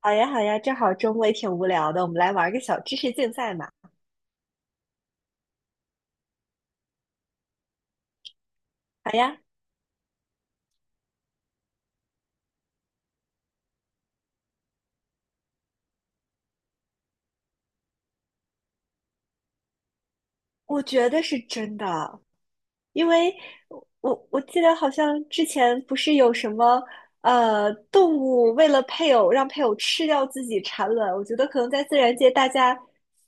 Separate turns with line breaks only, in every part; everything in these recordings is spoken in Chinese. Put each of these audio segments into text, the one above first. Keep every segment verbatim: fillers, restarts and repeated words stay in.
好呀，好呀，正好周末也挺无聊的，我们来玩个小知识竞赛嘛。好呀，我觉得是真的，因为我我记得好像之前不是有什么呃动物为了配偶让配偶吃掉自己产卵，我觉得可能在自然界大家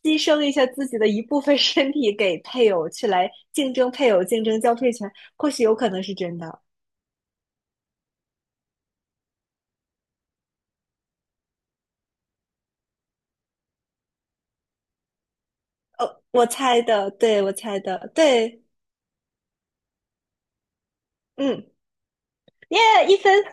牺牲一下自己的一部分 身体给配偶去来竞争配偶竞争交配权，或许有可能是真的。呃，我猜的，对，我猜的，对，嗯，耶，一分。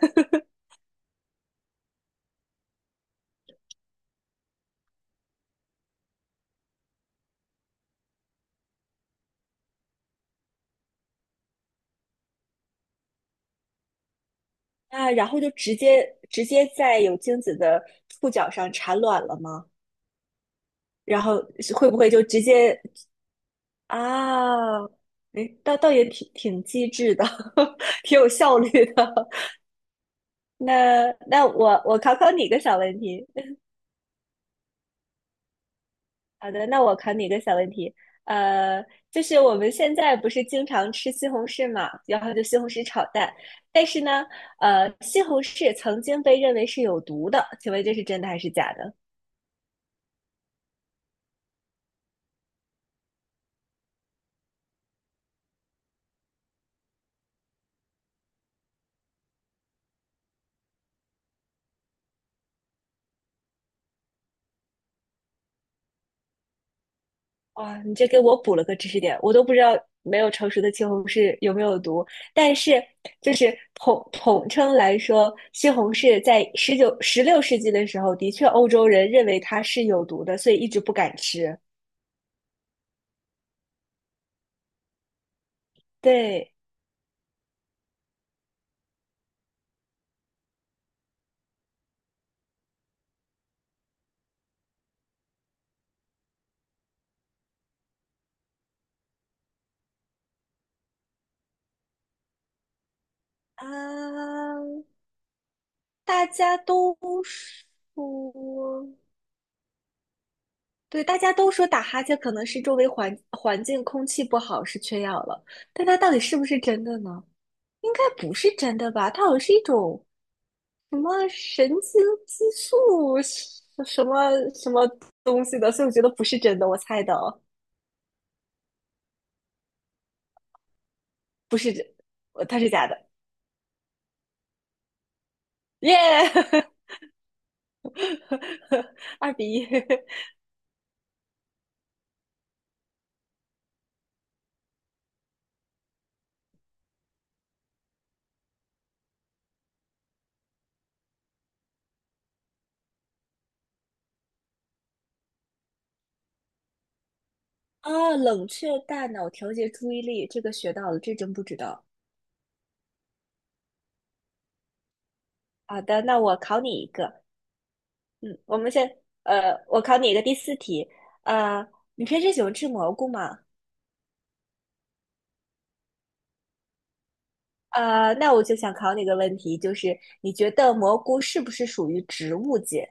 啊，然后就直接直接在有精子的触角上产卵了吗？然后是会不会就直接啊？哎，倒倒也挺挺机智的，挺有效率的。那那我我考考你一个小问题。好的，那我考你一个小问题。呃，就是我们现在不是经常吃西红柿嘛，然后就西红柿炒蛋。但是呢，呃，西红柿曾经被认为是有毒的，请问这是真的还是假的？哇，你这给我补了个知识点，我都不知道没有成熟的西红柿有没有毒。但是，就是统统称来说，西红柿在十九、十六世纪的时候，的确欧洲人认为它是有毒的，所以一直不敢吃。对，啊，大家都说，对，大家都说打哈欠可能是周围环环境空气不好是缺氧了，但它到底是不是真的呢？应该不是真的吧？它好像是一种什么神经激素什什么什么东西的，所以我觉得不是真的，我猜的哦，不是真，呃它是假的，耶、二比一。啊！冷却大脑调节注意力，这个学到了，这真不知道。好的，那我考你一个。嗯，我们先，呃，我考你一个第四题，呃，你平时喜欢吃蘑菇吗？呃，那我就想考你一个问题，就是你觉得蘑菇是不是属于植物界？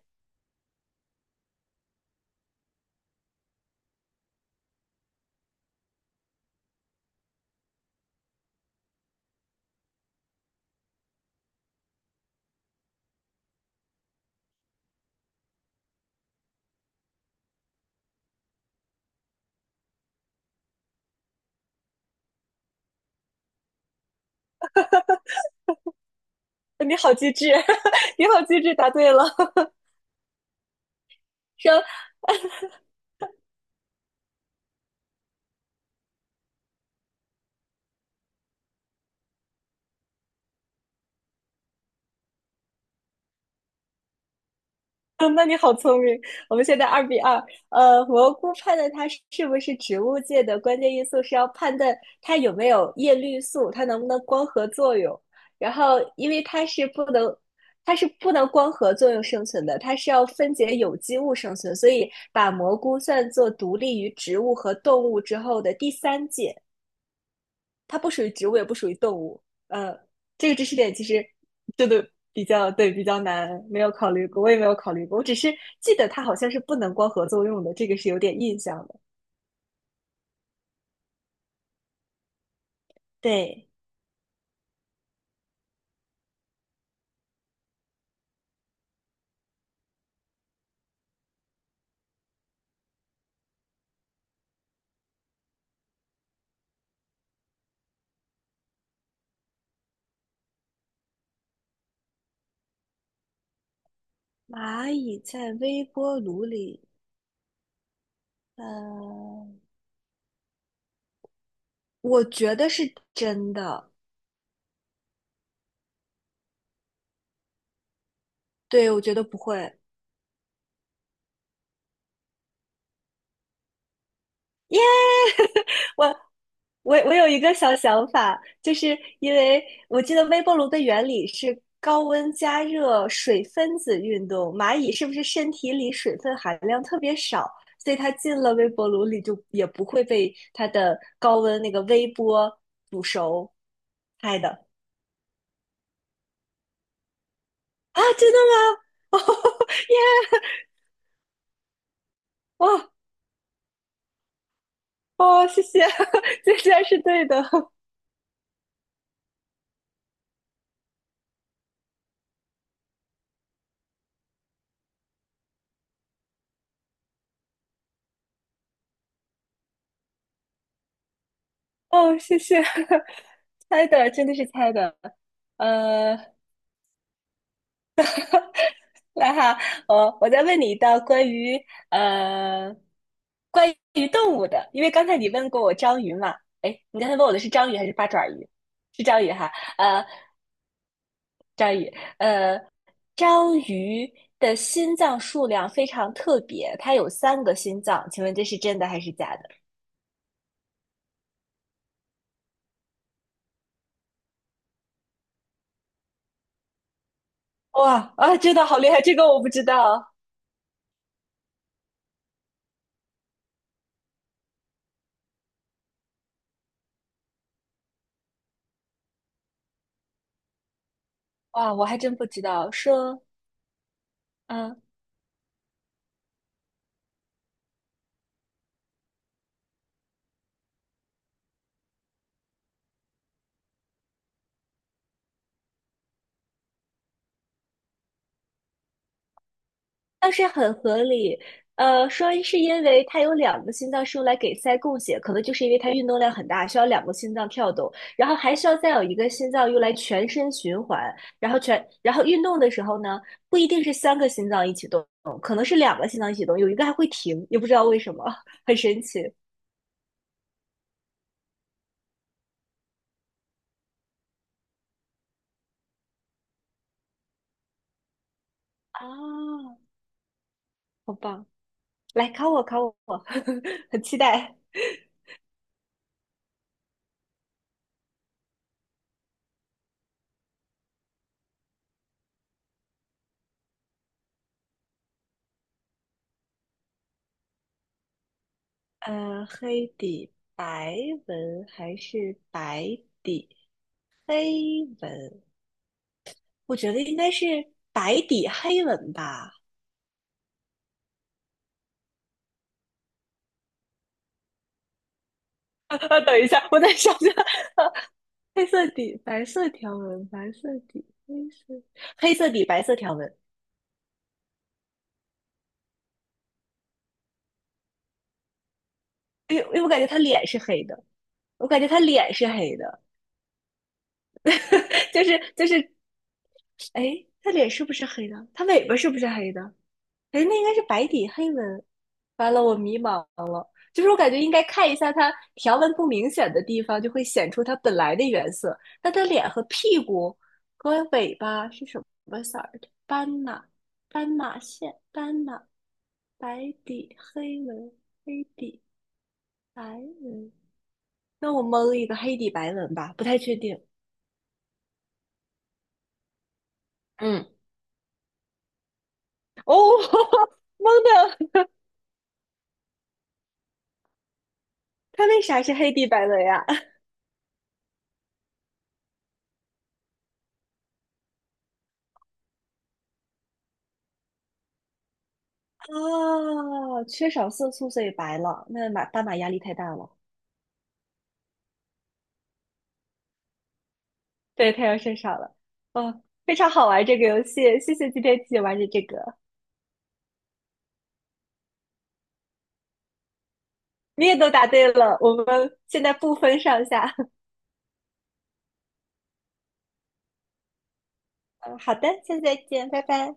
你好机智，你好机智，答对了。说，那你好聪明。我们现在二比二。呃，蘑菇判断它是不是植物界的关键因素是要判断它有没有叶绿素，它能不能光合作用。然后，因为它是不能，它是不能光合作用生存的，它是要分解有机物生存，所以把蘑菇算作独立于植物和动物之后的第三界。它不属于植物，也不属于动物。呃，这个知识点其实真的比较对比较难，没有考虑过，我也没有考虑过。我只是记得它好像是不能光合作用的，这个是有点印象的。对，蚂蚁在微波炉里，呃，我觉得是真的。对，我觉得不会。我我有一个小想法，就是因为我记得微波炉的原理是高温加热水分子运动，蚂蚁是不是身体里水分含量特别少，所以它进了微波炉里就也不会被它的高温那个微波煮熟？猜的啊，真的吗？哇哦，谢谢，这然是对的，哦，谢谢，猜的真的是猜的，呃。那哈，我我再问你一道关于呃关于动物的，因为刚才你问过我章鱼嘛，哎，你刚才问我的是章鱼还是八爪鱼？是章鱼哈，呃，章鱼，呃，章鱼的心脏数量非常特别，它有三个心脏，请问这是真的还是假的？哇啊，真的好厉害，这个我不知道，哇，我还真不知道，说。嗯。倒是很合理。呃，说是因为他有两个心脏是用来给鳃供血，可能就是因为他运动量很大，需要两个心脏跳动，然后还需要再有一个心脏用来全身循环。然后全，然后运动的时候呢，不一定是三个心脏一起动，可能是两个心脏一起动，有一个还会停，也不知道为什么，很神奇啊！好棒，来考我考我，很期待。呃，黑底白纹还是白底黑纹？我觉得应该是白底黑纹吧。啊啊，等一下，我在想想，黑色底，白色条纹，白色底，黑色，黑色底，白色条纹。因为因为我感觉他脸是黑的，我感觉他脸是黑的，就是就是，哎，他脸是不是黑的？他尾巴是不是黑的？哎，那应该是白底黑纹。完了，我迷茫了。就是我感觉应该看一下它条纹不明显的地方，就会显出它本来的原色。那它脸和屁股和尾巴是什么色儿的？斑马，斑马线，斑马，白底黑纹，黑底白纹。那我蒙一个黑底白纹吧，不太确定。嗯，哦，蒙的，它为啥是黑底白纹呀？啊，缺少色素所以白了，那马斑马压力太大了，对，太阳晒傻了。哦，非常好玩这个游戏，谢谢今天一起玩的这个，你也都答对了，我们现在不分上下。嗯，好的，下次再见，拜拜。